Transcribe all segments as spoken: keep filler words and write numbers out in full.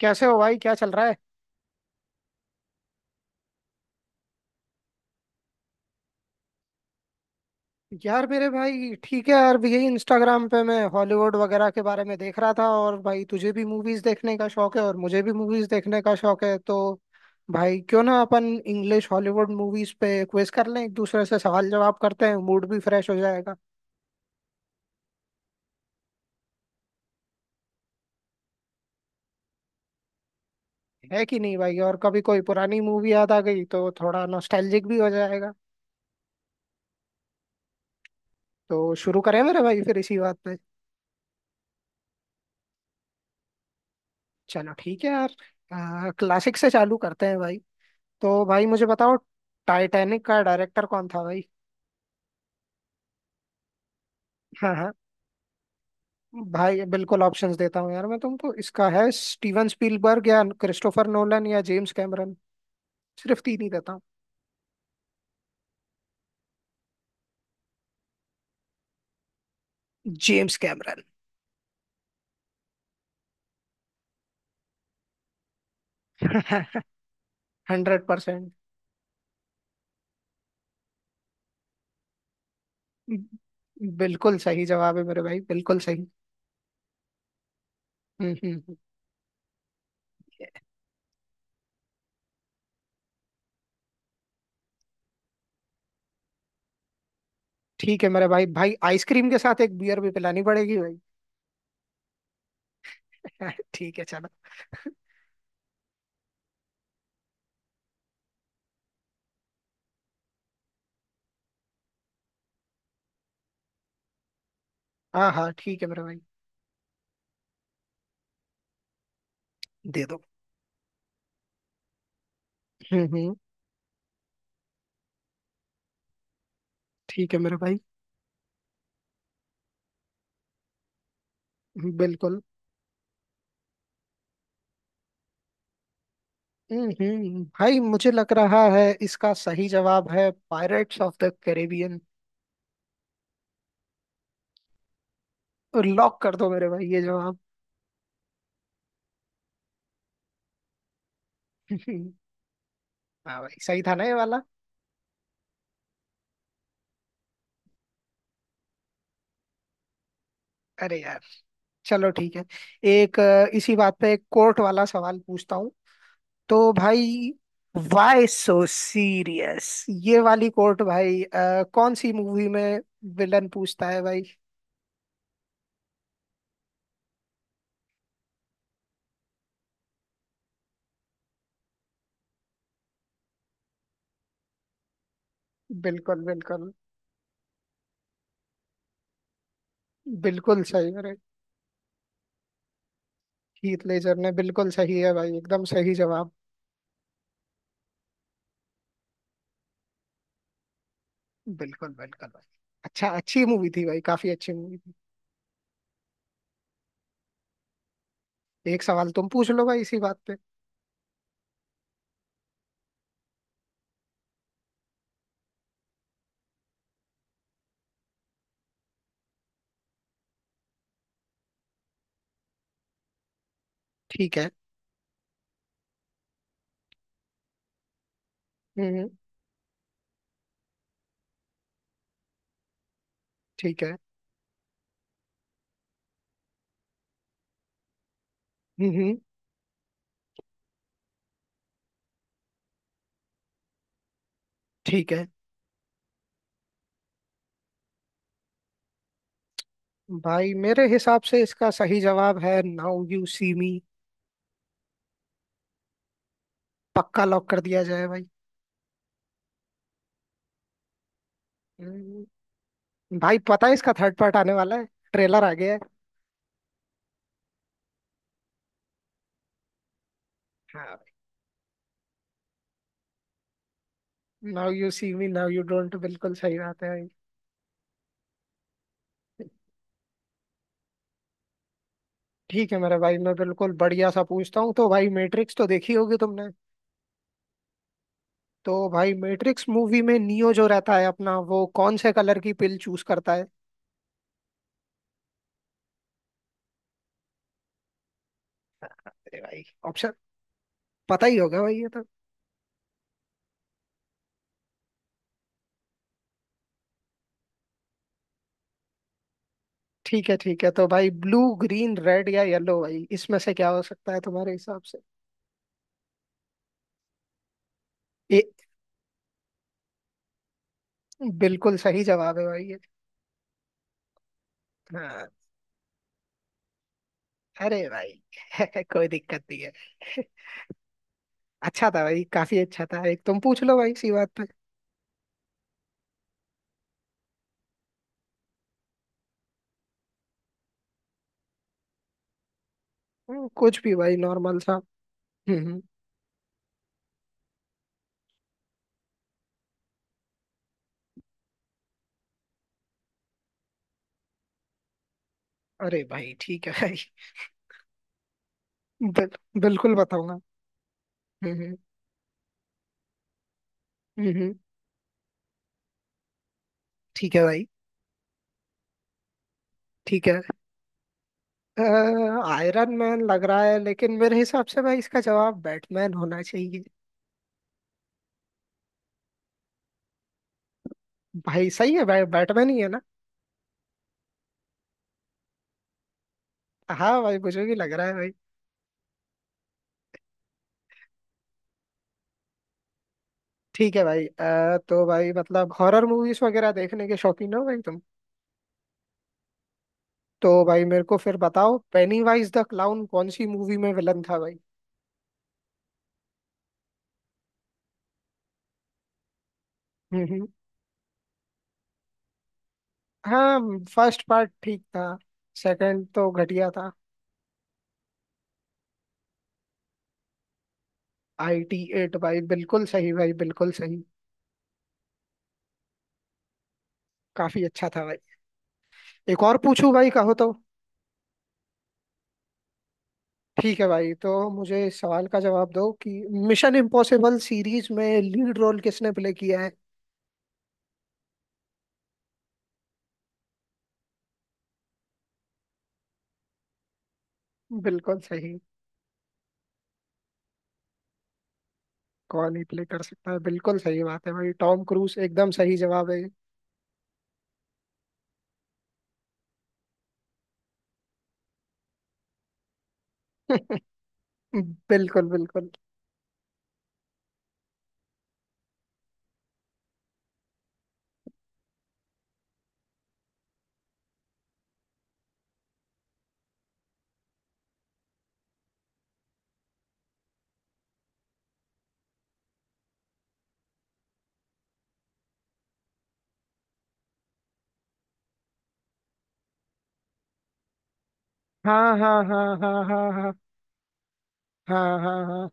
कैसे हो भाई, क्या चल रहा है? यार मेरे भाई, ठीक है। यार यही इंस्टाग्राम पे मैं हॉलीवुड वगैरह के बारे में देख रहा था, और भाई तुझे भी मूवीज देखने का शौक है और मुझे भी मूवीज देखने का शौक है, तो भाई क्यों ना अपन इंग्लिश हॉलीवुड मूवीज पे क्विज कर लें, एक दूसरे से सवाल जवाब करते हैं, मूड भी फ्रेश हो जाएगा। है कि नहीं भाई? और कभी कोई पुरानी मूवी याद आ गई तो थोड़ा नॉस्टैल्जिक भी हो जाएगा। तो शुरू करें मेरे भाई फिर इसी बात पे। चलो ठीक है यार, क्लासिक से चालू करते हैं भाई। तो भाई मुझे बताओ, टाइटैनिक का डायरेक्टर कौन था भाई? हाँ हाँ भाई, बिल्कुल ऑप्शंस देता हूँ यार मैं तुमको। इसका है स्टीवन स्पीलबर्ग, या क्रिस्टोफर नोलन, या जेम्स कैमरन। सिर्फ तीन ही देता हूँ। James Cameron. Hundred percent. बिल्कुल सही जवाब है मेरे भाई, बिल्कुल सही। हम्म हम्म हम्म। ठीक है मेरे भाई, भाई आइसक्रीम के साथ एक बियर भी पिलानी पड़ेगी भाई। ठीक है चलो। हाँ हाँ, ठीक है मेरे भाई, दे दो। हम्म हम्म। ठीक है मेरे भाई। बिल्कुल। हम्म हम्म, भाई मुझे लग रहा है इसका सही जवाब है pirates of the Caribbean. Lock कर दो मेरे भाई ये जवाब। हाँ, भाई सही था ना ये वाला? अरे यार, चलो ठीक है। एक अ, इसी बात पे एक कोर्ट वाला सवाल पूछता हूँ। तो भाई, वाई सो सीरियस, ये वाली कोर्ट भाई, अ, कौन सी मूवी में विलन पूछता है भाई? बिल्कुल बिल्कुल। बिल्कुल सही, अरे! हीथ लेजर ने, बिल्कुल सही है भाई, एकदम सही जवाब। बिल्कुल बिल्कुल भाई। अच्छा, अच्छी मूवी थी भाई, काफी अच्छी मूवी थी। एक सवाल तुम पूछ लो भाई इसी बात पे। ठीक है। हम्म। ठीक है। हम्म ठीक है भाई, मेरे हिसाब से इसका सही जवाब है नाउ यू सी मी। पक्का लॉक कर दिया जाए भाई। हम्म, भाई पता है इसका थर्ड पार्ट आने वाला है, ट्रेलर आ गया है। हाँ। Now you see me now you don't, बिल्कुल सही बात है भाई। ठीक है मेरे भाई, मैं बिल्कुल बढ़िया सा पूछता हूँ। तो भाई, मैट्रिक्स तो देखी होगी तुमने। तो भाई मैट्रिक्स मूवी में नियो जो रहता है अपना, वो कौन से कलर की पिल चूज करता है? अरे भाई, ऑप्शन पता ही होगा भाई ये तो। ठीक है ठीक है, तो भाई ब्लू, ग्रीन, रेड या येलो भाई, इसमें से क्या हो सकता है तुम्हारे हिसाब से? ये बिल्कुल सही जवाब है भाई ये। हाँ। अरे भाई! कोई दिक्कत नहीं है। अच्छा था भाई, काफी अच्छा था। एक तुम पूछ लो भाई इसी बात पे। हम्म, कुछ भी भाई, नॉर्मल सा। हम्म हम्म। अरे भाई ठीक है भाई। बिल, बिल्कुल बताऊंगा। हम्म हम्म। हम्म, हम्म, ठीक है भाई। ठीक है। आयरन मैन लग रहा है, लेकिन मेरे हिसाब से भाई इसका जवाब बैटमैन होना चाहिए। भाई सही है भाई, बैटमैन ही है ना? हाँ भाई, मुझे भी लग रहा है भाई। ठीक है भाई। अ, तो भाई मतलब हॉरर मूवीज वगैरह देखने के शौकीन हो भाई तुम? तो भाई मेरे को फिर बताओ, पेनीवाइज द क्लाउन कौन सी मूवी में विलन था भाई? हम्म हम्म। हाँ फर्स्ट पार्ट ठीक था, सेकंड तो घटिया था। I T. एट भाई, बिल्कुल सही भाई, बिल्कुल सही। काफी अच्छा था भाई। एक और पूछूं भाई, कहो तो? ठीक है भाई, तो मुझे इस सवाल का जवाब दो कि मिशन इम्पॉसिबल सीरीज में लीड रोल किसने प्ले किया है? बिल्कुल सही। कौन ही प्ले कर सकता है, बिल्कुल सही बात है भाई, टॉम क्रूज एकदम सही जवाब है ये। बिल्कुल बिल्कुल। हाँ हाँ हाँ हाँ हाँ हाँ। हाँ हाँ हाँ।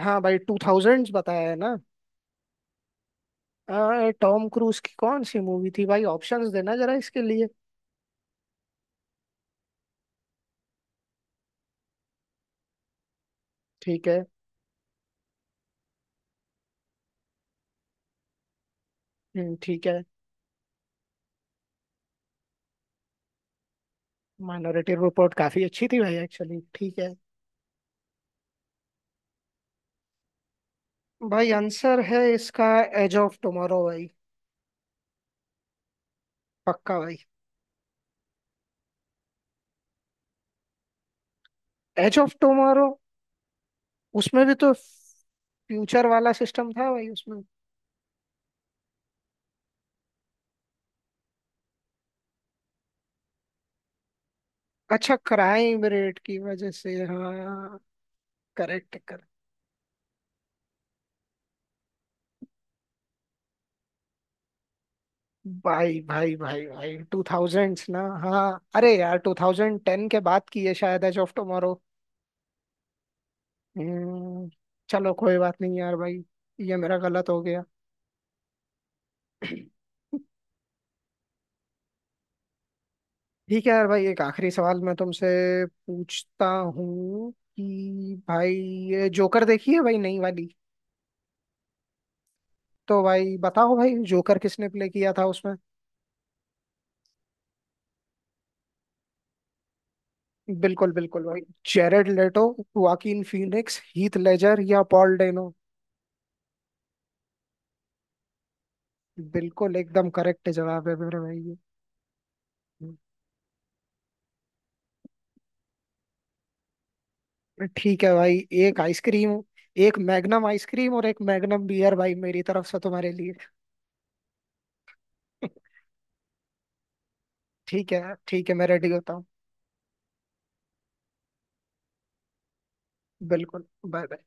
हाँ भाई, टू थाउजेंड्स बताया है ना? आ, टॉम क्रूज की कौन सी मूवी थी भाई? ऑप्शंस देना जरा इसके लिए। ठीक है। हम्म, ठीक है। माइनॉरिटी रिपोर्ट काफी अच्छी थी भाई एक्चुअली। ठीक है। भाई आंसर है इसका एज ऑफ टुमारो भाई। पक्का भाई। एज ऑफ टुमारो, उसमें भी तो फ्यूचर वाला सिस्टम था भाई उसमें। अच्छा, क्राइम रेट की वजह से, हाँ। करेक्ट कर। भाई भाई भाई भाई, टू थाउजेंड्स ना? हाँ अरे यार, टू थाउजेंड टेन के बाद की है शायद एज ऑफ टुमारो। हम्म। चलो कोई बात नहीं यार भाई, ये मेरा गलत हो गया। ठीक है यार भाई, एक आखिरी सवाल मैं तुमसे पूछता हूँ कि भाई, ये जोकर देखी है भाई नई वाली? तो भाई बताओ भाई, जोकर किसने प्ले किया था उसमें? बिल्कुल बिल्कुल भाई। Jared Leto, Joaquin Phoenix, Heath Ledger या पॉल डेनो? बिल्कुल एकदम करेक्ट जवाब है मेरे भाई ये। हम्म। ठीक है भाई। एक आइसक्रीम, एक मैग्नम आइसक्रीम और एक मैग्नम बियर भाई, मेरी तरफ से तुम्हारे लिए। ठीक है ठीक है, मैं रेडी होता हूँ। बिल्कुल, बाय बाय।